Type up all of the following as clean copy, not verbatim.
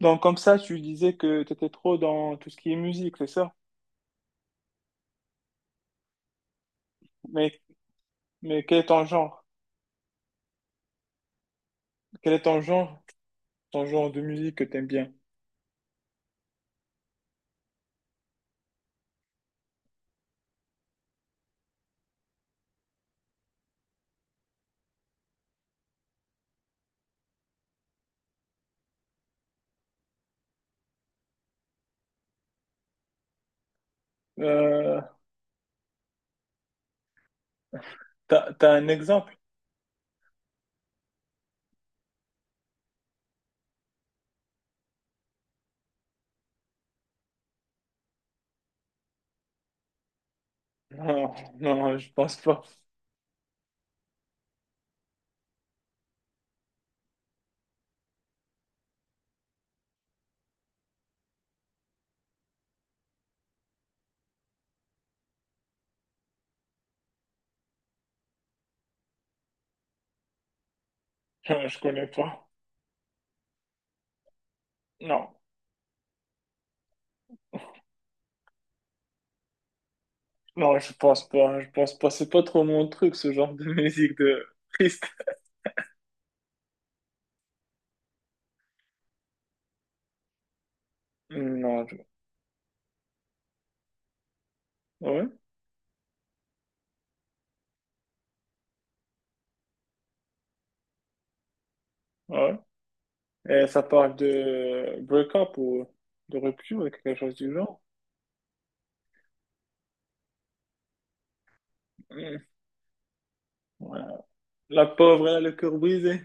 Donc, comme ça, tu disais que tu étais trop dans tout ce qui est musique, c'est ça? Mais, mais quel est ton genre? Quel est ton genre de musique que tu aimes bien? Euh, t'as un exemple? Non, non, je pense pas. Non, je connais pas. Non, non, je pense pas. Je pense pas. C'est pas trop mon truc, ce genre de musique de triste. Non, je- ouais, ouais. Et ça parle de break-up ou de rupture, quelque chose du genre. Hmm, ouais. La pauvre, elle a le cœur brisé.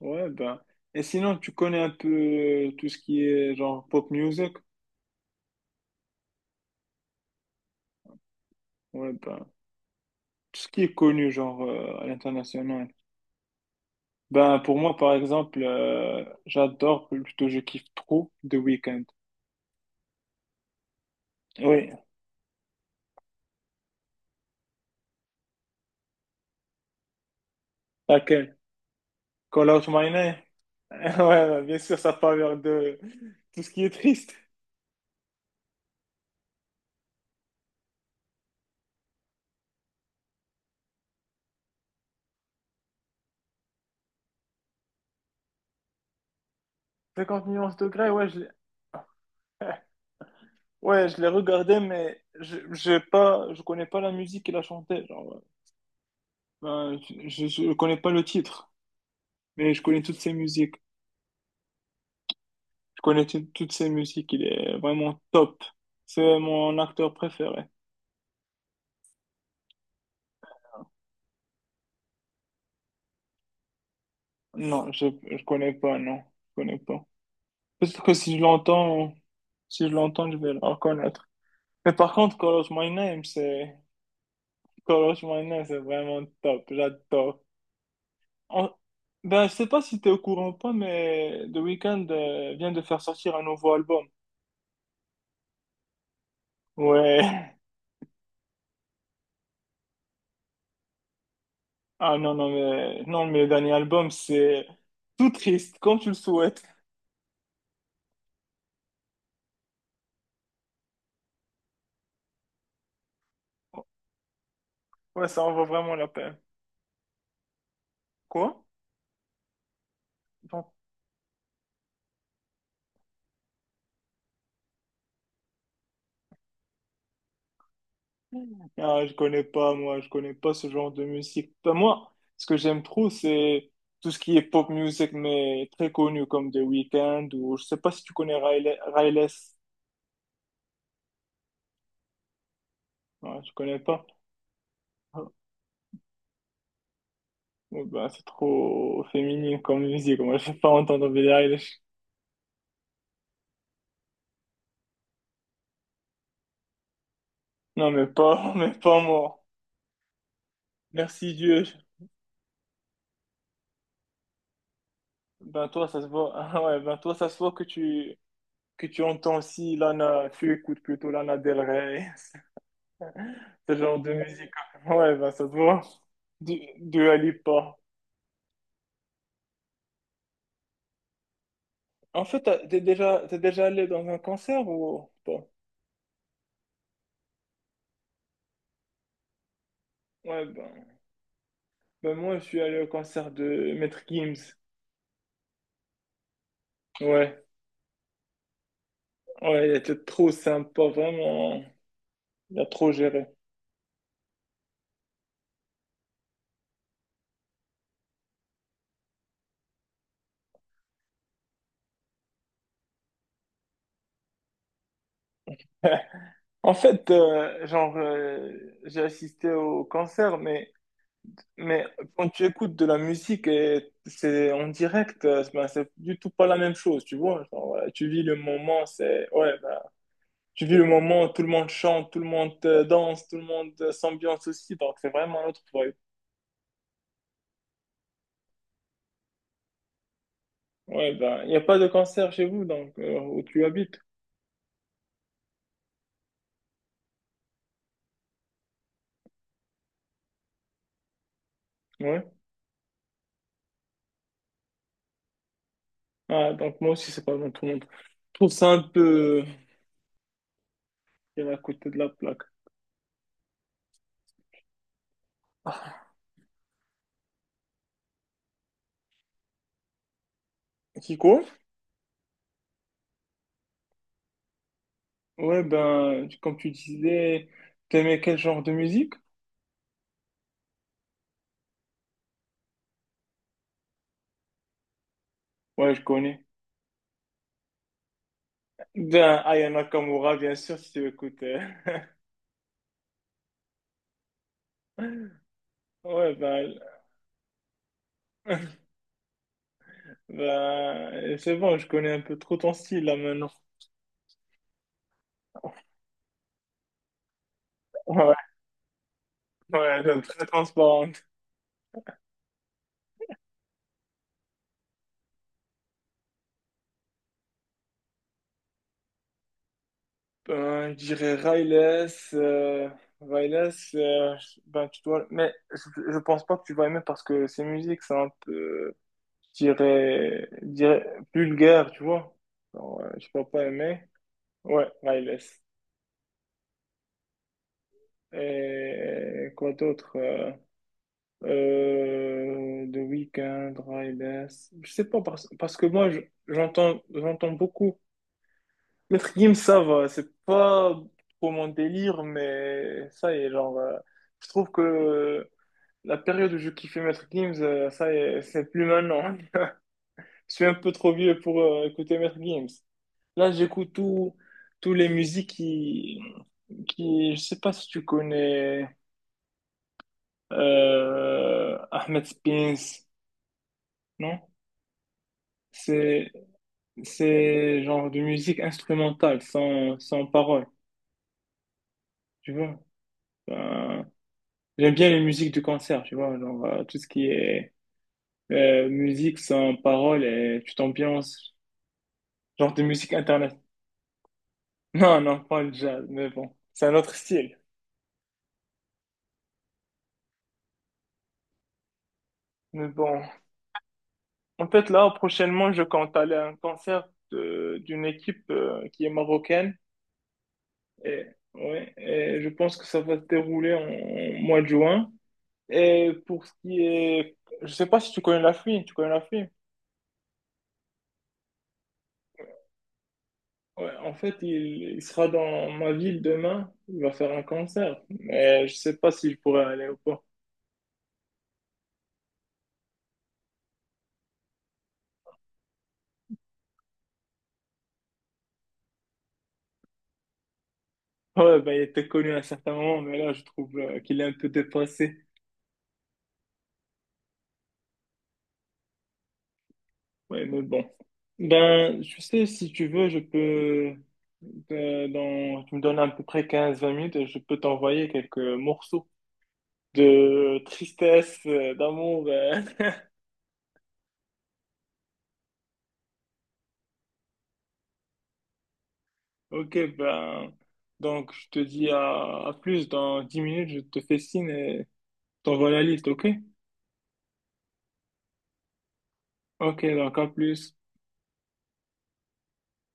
Ouais, ben. Et sinon, tu connais un peu tout ce qui est genre pop music? Ouais, ben. Tout ce qui est connu, genre à l'international. Ben, pour moi, par exemple, j'adore, plutôt je kiffe trop The Weeknd. Oui, laquelle? Call Out My Name? Ouais, ouais, bien sûr, ça parle vers de tout ce qui est triste. 50 nuances de Grey, ouais, je l'ai ouais, je l'ai regardé, mais je j'ai pas, je connais pas la musique qu'il a chantée. Genre, ouais. Ben, je connais pas le titre. Mais je connais toutes ses musiques. Je connais tout- toutes ses musiques. Il est vraiment top. C'est mon acteur préféré. Non, je connais pas, non. Je connais pas. Peut-être que si je l'entends, si je l'entends, je vais le reconnaître. Mais par contre, Call Out My Name, c'est... Call Out My Name, c'est vraiment top. J'adore. En- Ben, je sais pas si t'es au courant ou pas, mais The Weeknd vient de faire sortir un nouveau album. Ouais. Ah non, non, mais... Non, mais le dernier album, c'est tout triste, comme tu le souhaites. Ouais, ça en vaut vraiment la peine. Quoi? Non. Ah, je connais pas, moi, je connais pas ce genre de musique. Enfin, moi, ce que j'aime trop, c'est tout ce qui est pop music, mais très connu, comme The Weeknd, ou je sais pas si tu connais Riley. Ouais, je connais pas. Ah, ouais, bah, c'est trop féminin comme musique, moi, je vais pas entendre Billie Eilish. Non, mais pas, mais pas moi. Merci Dieu. Ben toi, ça se voit. Ah ouais, ben toi, ça se voit que tu entends aussi Lana, tu écoutes plutôt Lana Del Rey. Ce genre de musique. Ouais, ben ça te voit. Du Alipa. En fait, t'as- t'es déjà allé dans un concert ou pas? Ouais, ben, ben moi, je suis allé au concert de Maître Gims. Ouais, ouais, il était trop sympa, vraiment. Il a trop géré. En fait, j'ai assisté au concert, mais quand tu écoutes de la musique et c'est en direct, ben, c'est du tout pas la même chose, tu vois. Genre, tu vis le moment, c'est, ouais, tu vis le moment, tout le monde chante, tout le monde danse, tout le monde s'ambiance aussi, donc c'est vraiment un autre vibe. Ouais, ben, il n'y a pas de concert chez vous, donc, où tu habites. Ouais. Ah, donc moi aussi, c'est pas bon tout le monde. Je trouve ça un peu à côté de la plaque. Ah. Kiko? Ouais, ben, tu- comme tu disais, t'aimais quel genre de musique? Ouais, je connais. Ben, Aya Nakamura, bien sûr, si tu écoutes. Ouais, ben, ben, c'est bon, je connais un peu trop ton style, là, maintenant. Ouais, c'est très transparente. Ben, je dirais Riles, euh, Riles, ben, tu dois, mais je pense pas que tu vas aimer parce que ses musiques sont un peu, je dirais vulgaires, tu vois. Alors, tu vas pas aimer. Ouais, Riles. Et quoi d'autre? The Weeknd, Riles. Je sais pas parce que moi, je- j'entends beaucoup. Le trim, ça va, c'est pas trop mon délire, mais ça y est, genre, je trouve que la période où je kiffais Maître Games ça y est, c'est plus maintenant. Je suis un peu trop vieux pour écouter Maître Games. Là, j'écoute tout, tous les musiques je sais pas si tu connais, Ahmed Spins, non? C'est, c'est genre de musique instrumentale, sans parole, tu vois? Enfin, j'aime bien les musiques du concert, tu vois, genre tout ce qui est musique sans parole et tu t'ambiances, genre de musique internet. Non, non, pas le jazz, mais bon, c'est un autre style. Mais bon, en fait là, prochainement, je compte aller à un concert de- d'une équipe qui est marocaine et, ouais, et je pense que ça va se dérouler en mois de juin. Et pour ce qui est, je sais pas si tu connais la fille, tu connais la fille. Ouais, en fait, il sera dans ma ville demain. Il va faire un concert. Mais je sais pas si je pourrais aller ou pas. Ouais, ben, il était connu à un certain moment, mais là, je trouve qu'il est un peu dépassé. Ouais, mais bon. Ben, tu sais, si tu veux, je peux. Dans, tu me donnes à peu près quinze vingt minutes et je peux t'envoyer quelques morceaux de tristesse, d'amour. Ok, ben. Donc, je te dis à plus. Dans 10 minutes, je te fais signe et t'envoie la liste, ok? Ok, donc en plus,